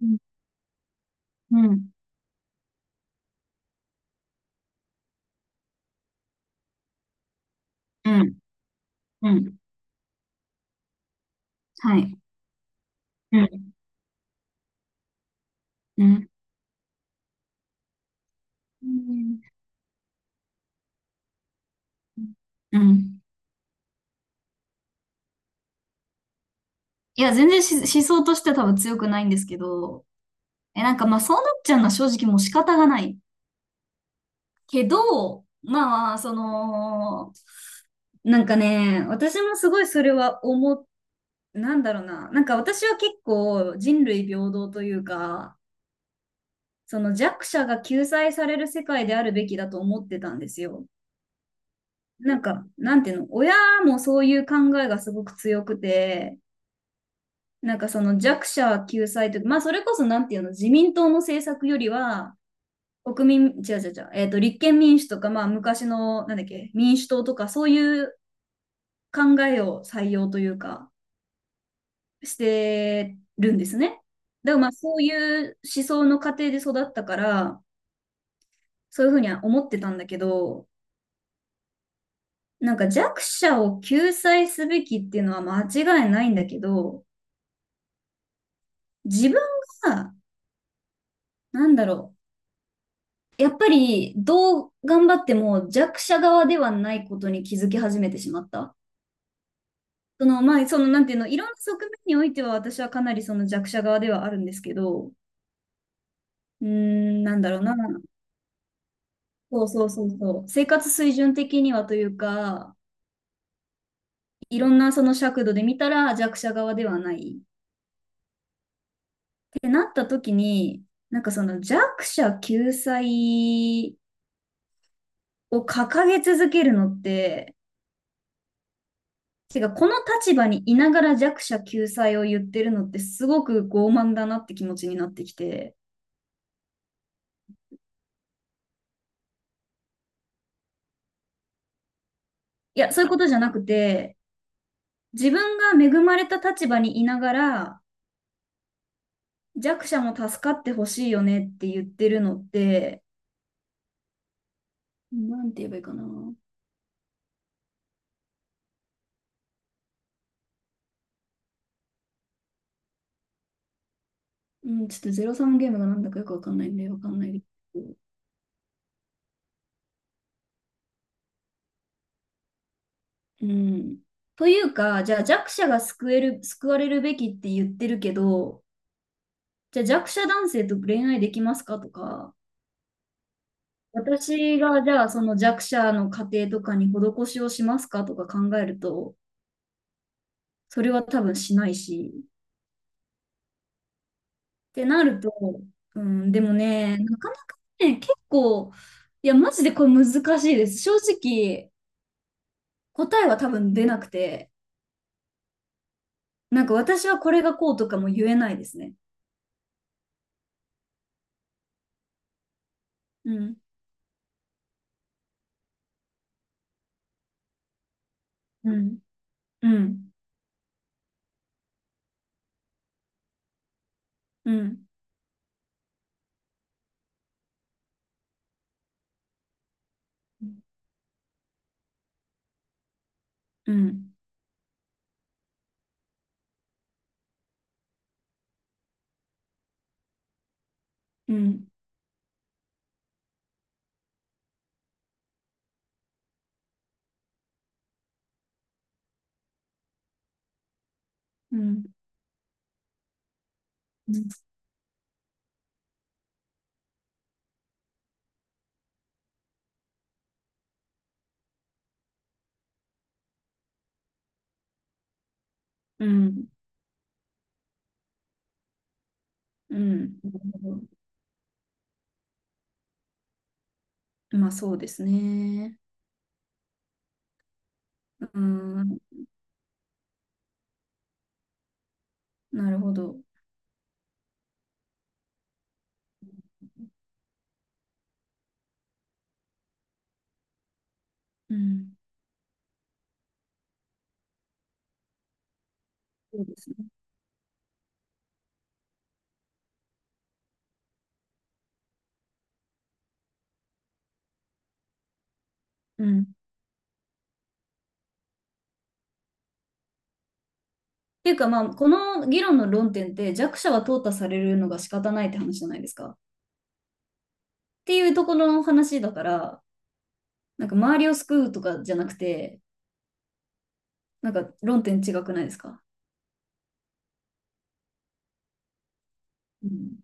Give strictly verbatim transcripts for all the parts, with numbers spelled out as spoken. うん。うん。うん。うん。はい。うん。うん。うん。うん。いや、全然し思想としては多分強くないんですけど、え、なんかまあそうなっちゃうのは正直もう仕方がないけど、まあまあ、その、なんかね、私もすごいそれは思っなんだろうな、なんか私は結構人類平等というか、その弱者が救済される世界であるべきだと思ってたんですよ。なんか、なんていうの、親もそういう考えがすごく強くて、なんかその弱者救済とか、まあそれこそなんていうの、自民党の政策よりは、国民、違う違う違う、えっ、と、立憲民主とか、まあ昔の、なんだっけ、民主党とか、そういう考えを採用というか、してるんですね。だからまあそういう思想の過程で育ったから、そういうふうには思ってたんだけど、なんか弱者を救済すべきっていうのは間違いないんだけど、自分が、なんだろう、やっぱりどう頑張っても弱者側ではないことに気づき始めてしまった。その、まあ、その、なんていうの、いろんな側面においては私はかなりその弱者側ではあるんですけど、うーん、なんだろうな。そうそうそうそう。生活水準的にはというか、いろんなその尺度で見たら弱者側ではない。ってなった時に、なんかその弱者救済を掲げ続けるのって、てか、この立場にいながら弱者救済を言ってるのってすごく傲慢だなって気持ちになってきて、いや、そういうことじゃなくて、自分が恵まれた立場にいながら弱者も助かってほしいよねって言ってるのって、なんて言えばいいかな。うん、ちょっとゼロサムゲームがなんだかよくわかんないんで、わかんないですけど。うん。というか、じゃあ弱者が救える、救われるべきって言ってるけど、じゃあ弱者男性と恋愛できますかとか、私がじゃあその弱者の家庭とかに施しをしますかとか考えると、それは多分しないし。ってなると、うん、でもね、なかなかね、結構、いや、マジでこれ難しいです。正直、答えは多分出なくて、なんか私はこれがこうとかも言えないですね。うん。うん。うん。うん。うん。うん。うん。うん。うん。うん。まあそうですね。うん。なるほど。うん。そうですね。うん。っていうか、まあ、この議論の論点って弱者は淘汰されるのが仕方ないって話じゃないですか。っていうところの話だから、なんか周りを救うとかじゃなくて、なんか論点違くないですか？うん、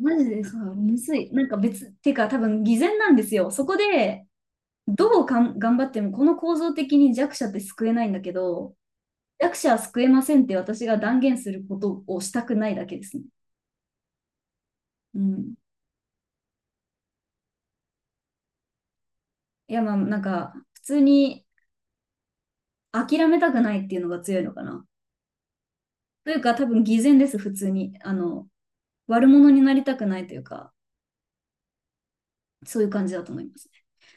マジでさ、むずい。なんか別、ていうか多分偽善なんですよ。そこでどうかん頑張ってもこの構造的に弱者って救えないんだけど、弱者は救えませんって私が断言することをしたくないだけですね。うん。いや、まあ、なんか、普通に諦めたくないっていうのが強いのかな。というか、多分偽善です、普通に。あの、悪者になりたくないというか、そういう感じだと思います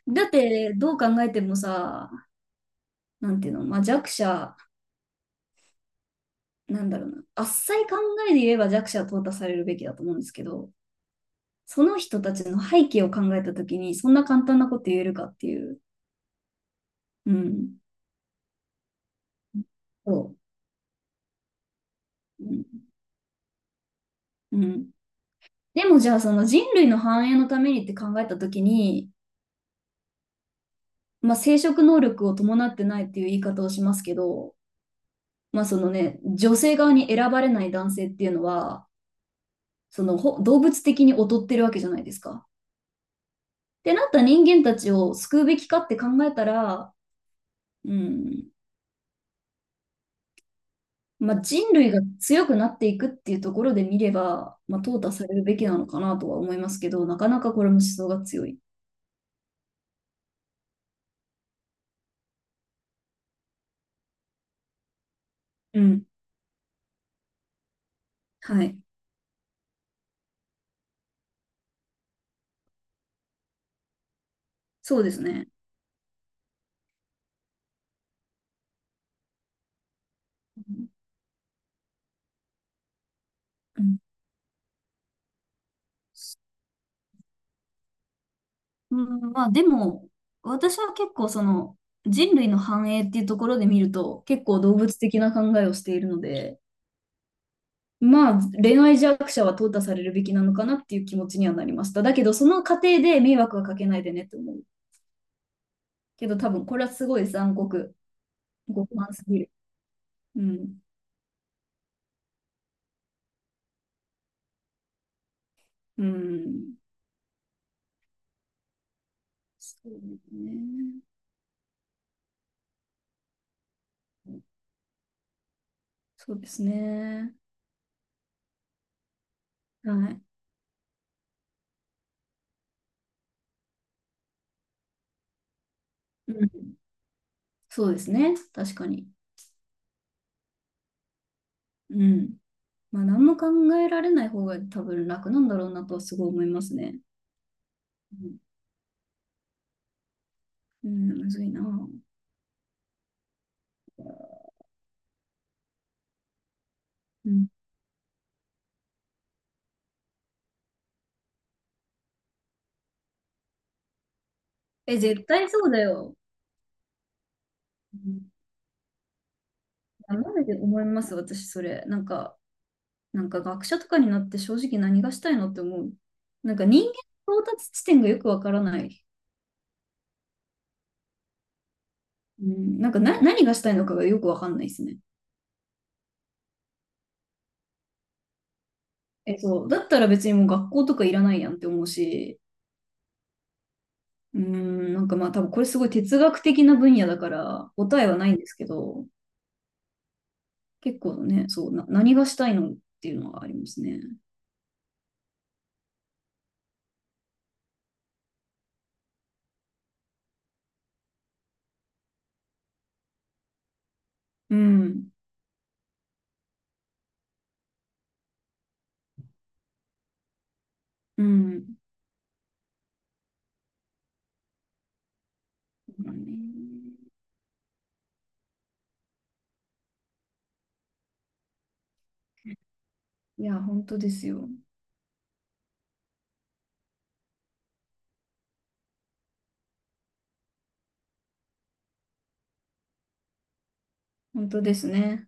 ね。だって、どう考えてもさ、なんていうの、まあ、弱者、なんだろうな、あっさい考えで言えば弱者は淘汰されるべきだと思うんですけど、その人たちの背景を考えたときに、そんな簡単なこと言えるかっていう。うん。そう。うん。うん。でもじゃあその人類の繁栄のためにって考えたときに、まあ、生殖能力を伴ってないっていう言い方をしますけど、まあそのね、女性側に選ばれない男性っていうのは、そのほ動物的に劣ってるわけじゃないですか。ってなった人間たちを救うべきかって考えたら、うん、まあ、人類が強くなっていくっていうところで見れば、まあ、淘汰されるべきなのかなとは思いますけど、なかなかこれも思想が強い。うん。はい。そうですね。うん。うん、まあでも、私は結構その人類の繁栄っていうところで見ると結構動物的な考えをしているので、まあ恋愛弱者は淘汰されるべきなのかなっていう気持ちにはなりました。だけどその過程で迷惑はかけないでねと思う。けど多分これはすごい残酷、極端すぎる。うん。うん。そうね。そうですね。はい。うん。そうですね。確かに。うん。まあ、何も考えられない方が多分楽なんだろうなとはすごい思いますね。うん。うん、むずいな。うん。え、絶対そうだよ。うん。いやマジで思います、私、それ。なんか、なんか学者とかになって正直何がしたいのって思う。なんか人間の到達地点がよくわからない。うん、なんかな、何がしたいのかがよくわかんないですね。え、そう。だったら別にもう学校とかいらないやんって思うし、うーん、なんかまあ多分これすごい哲学的な分野だから答えはないんですけど、結構ね、そう、な、何がしたいのっていうのがありますね。うん。うん。そうだね。いや、本当ですよ。本当ですね。